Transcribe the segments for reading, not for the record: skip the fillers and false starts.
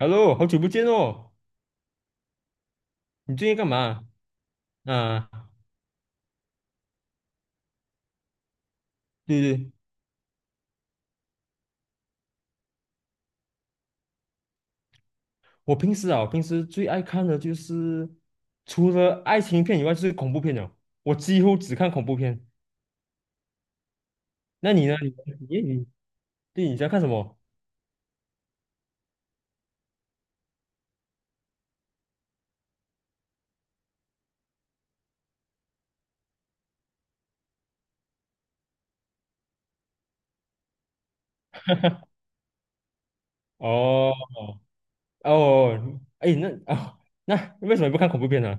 Hello，好久不见哦！你最近干嘛？啊，对对，我平时最爱看的就是除了爱情片以外，就是恐怖片了。我几乎只看恐怖片。那你呢？你你你，对，你在看什么？哦哦，哎，啊、那为什么不看恐怖片呢？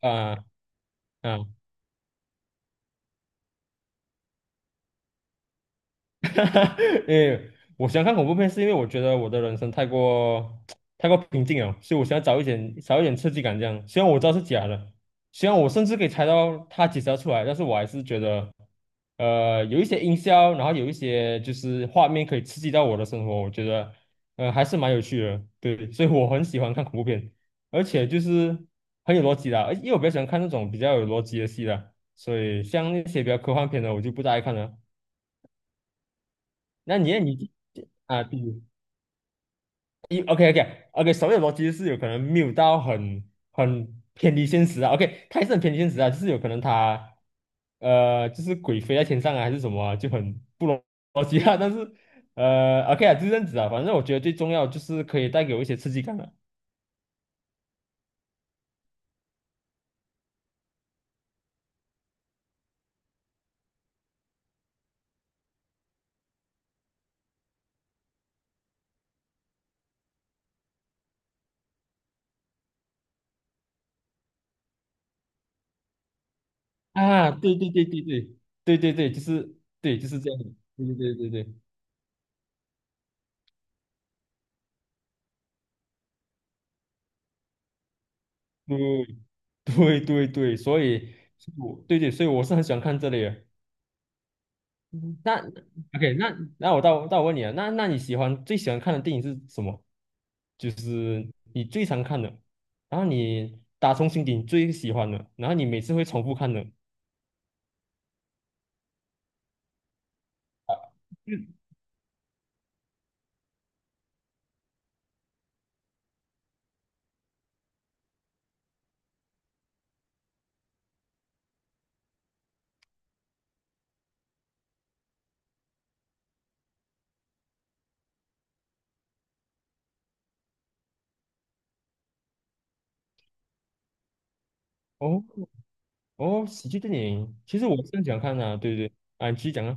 啊啊 哈哈，为我喜欢看恐怖片，是因为我觉得我的人生太过 太过平静了，所以我想要找一点刺激感，这样。虽然我知道是假的，虽然我甚至可以猜到它解时要出来，但是我还是觉得，有一些音效，然后有一些就是画面可以刺激到我的生活，我觉得，还是蛮有趣的。对，所以我很喜欢看恐怖片，而且就是很有逻辑的，而因为我比较喜欢看那种比较有逻辑的戏啦，所以像那些比较科幻片的，我就不大爱看了。那你啊，比如OK OK OK，手写逻辑是有可能没有到很偏离现实啊。OK，它也是很偏离现实啊，就是有可能它就是鬼飞在天上啊，还是什么啊就很不逻辑啊。但是OK 啊，就这样子啊。反正我觉得最重要就是可以带给我一些刺激感了啊。对对对对对对对对，就是对就是这样的，对对对对对对对对对，所以我对对，所以我是很喜欢看这类的。那 OK，那我到到我问你啊，那你最喜欢看的电影是什么？就是你最常看的，然后你打从心底你最喜欢的，然后你每次会重复看的。啊，嗯，哦哦，喜剧电影，其实我是很喜欢看的啊对不对，啊，你继续讲啊。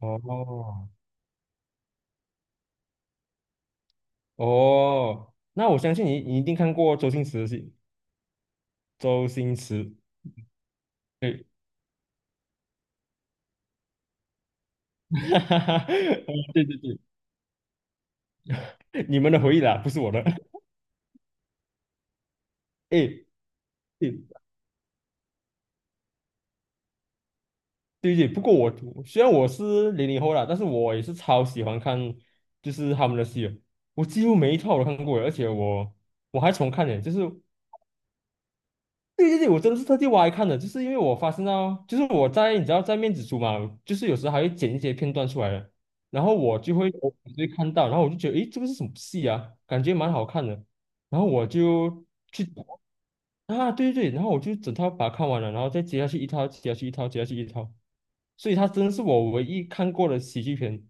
哦哦，那我相信你，你一定看过周星驰的戏，周星驰，对，对对对，你们的回忆啦，不是我的。诶哎，对对对，不过虽然我是00后啦，但是我也是超喜欢看，就是他们的戏的我几乎每一套我都看过的而且我还重看呢，就是对对对，我真的是特地挖来看的，就是因为我发现到，就是我在你知道在面子书嘛，就是有时候还会剪一些片段出来的，然后我就会看到，然后我就觉得，诶，这个是什么戏啊？感觉蛮好看的，然后我就去啊，对对对，然后我就整套把它看完了，然后再接下去一套，接下去一套，接下去一套。所以他真的是我唯一看过的喜剧片，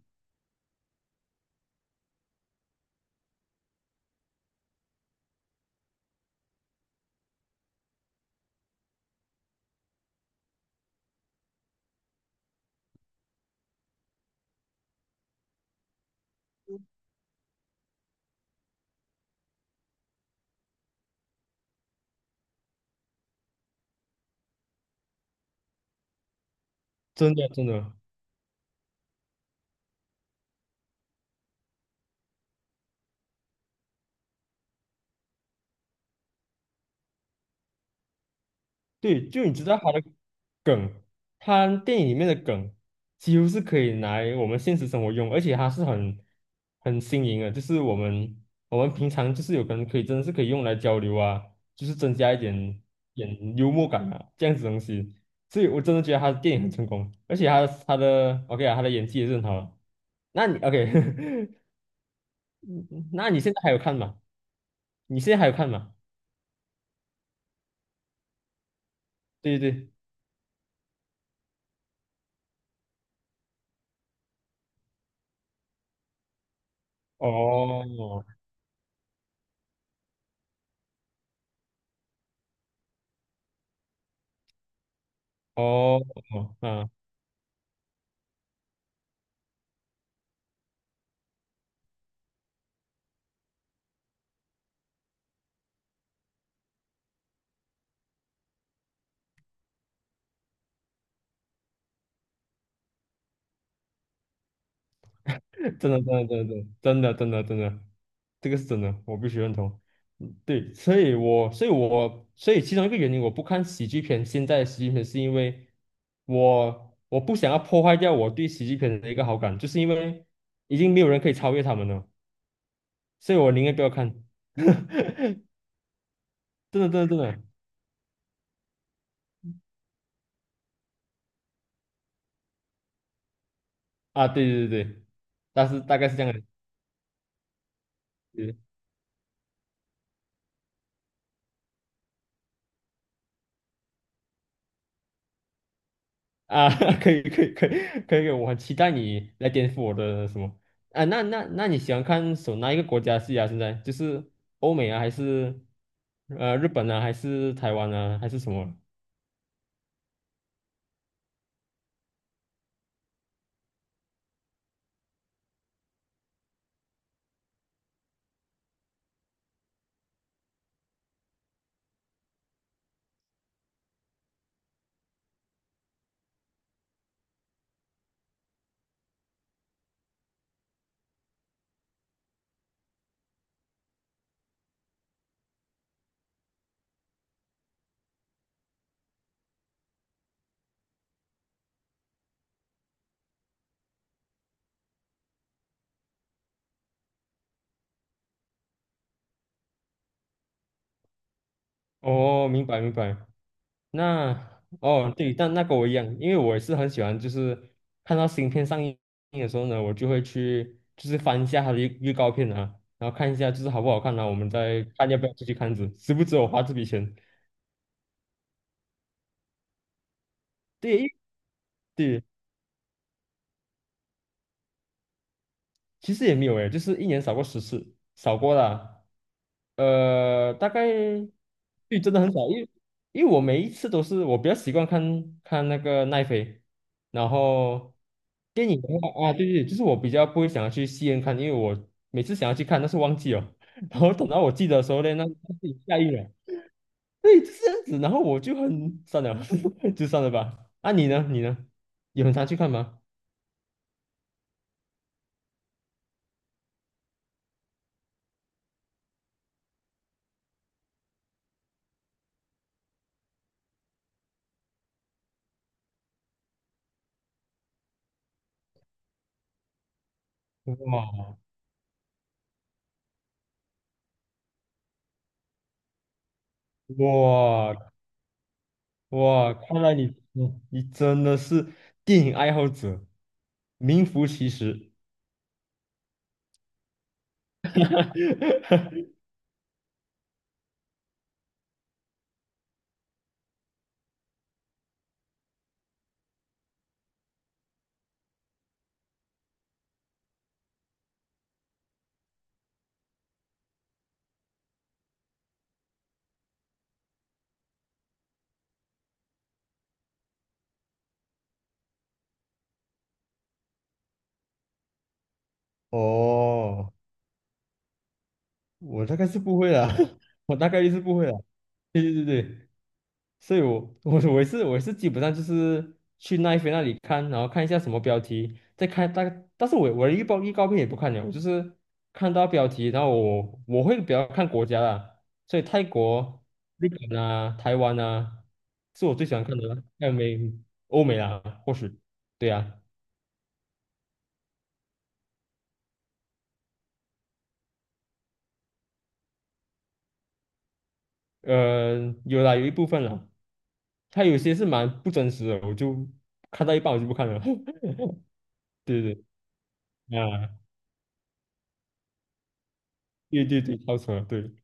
真的真的。对，就你知道他的梗，他电影里面的梗几乎是可以拿来我们现实生活用，而且他是很新颖的，就是我们平常就是有可能可以真的是可以用来交流啊，就是增加一点点幽默感啊，这样子东西。所以我真的觉得他的电影很成功，而且他的 OK 啊，他的演技也是很好啊那你 OK，那你现在还有看吗？你现在还有看吗？对对对。哦哦哦，啊，真的真的真的真的真的真的，这个是真的，我必须认同。嗯对，所以其中一个原因我不看喜剧片，现在的喜剧片是因为我不想要破坏掉我对喜剧片的一个好感，就是因为已经没有人可以超越他们了，所以我宁愿不要看。真的真的真的啊，对对对对，但是大概是这样的。啊，可以可以可以可以，我很期待你来颠覆我的什么啊？那你喜欢看哪一个国家的戏啊？现在就是欧美啊，还是日本啊，还是台湾啊，还是什么？哦，明白明白。那哦对，但那跟我一样，因为我也是很喜欢，就是看到新片上映的时候呢，我就会去就是翻一下它的预告片啊，然后看一下就是好不好看啊，我们再看要不要出去看子，值不值我花这笔钱。对对，其实也没有诶，就是一年扫过10次，扫过啦。大概对，真的很少，因为我每一次都是我比较习惯看看那个奈飞，然后电影的话啊，对对，就是我比较不会想要去戏院看，因为我每次想要去看，但是忘记了，然后等到我记得的时候呢，那自己下映了，对，就是这样子，然后我就很算了，就算了吧。啊，你呢？你呢？有很常去看吗？哇哇，哇，看来你，你真的是电影爱好者，名副其实。哦，我大概是不会啦，我大概率是不会啦。对对对对。所以我也是基本上就是去奈飞那里看，然后看一下什么标题，再看大概。但是我的预告片也不看了，我就是看到标题，然后我会比较看国家啦，所以泰国、日本啊、台湾啊，是我最喜欢看的啦，还有欧美啦，或许对啊，呃，有啦，有一部分啦，它有些是蛮不真实的，我就看到一半我就不看了，对对对啊，对对对，超扯对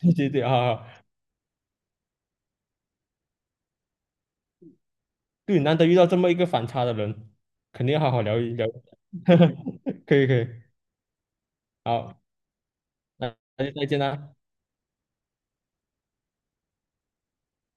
对对对啊。对，难得遇到这么一个反差的人，肯定要好好聊一聊。可以可以，好，那就再见啦。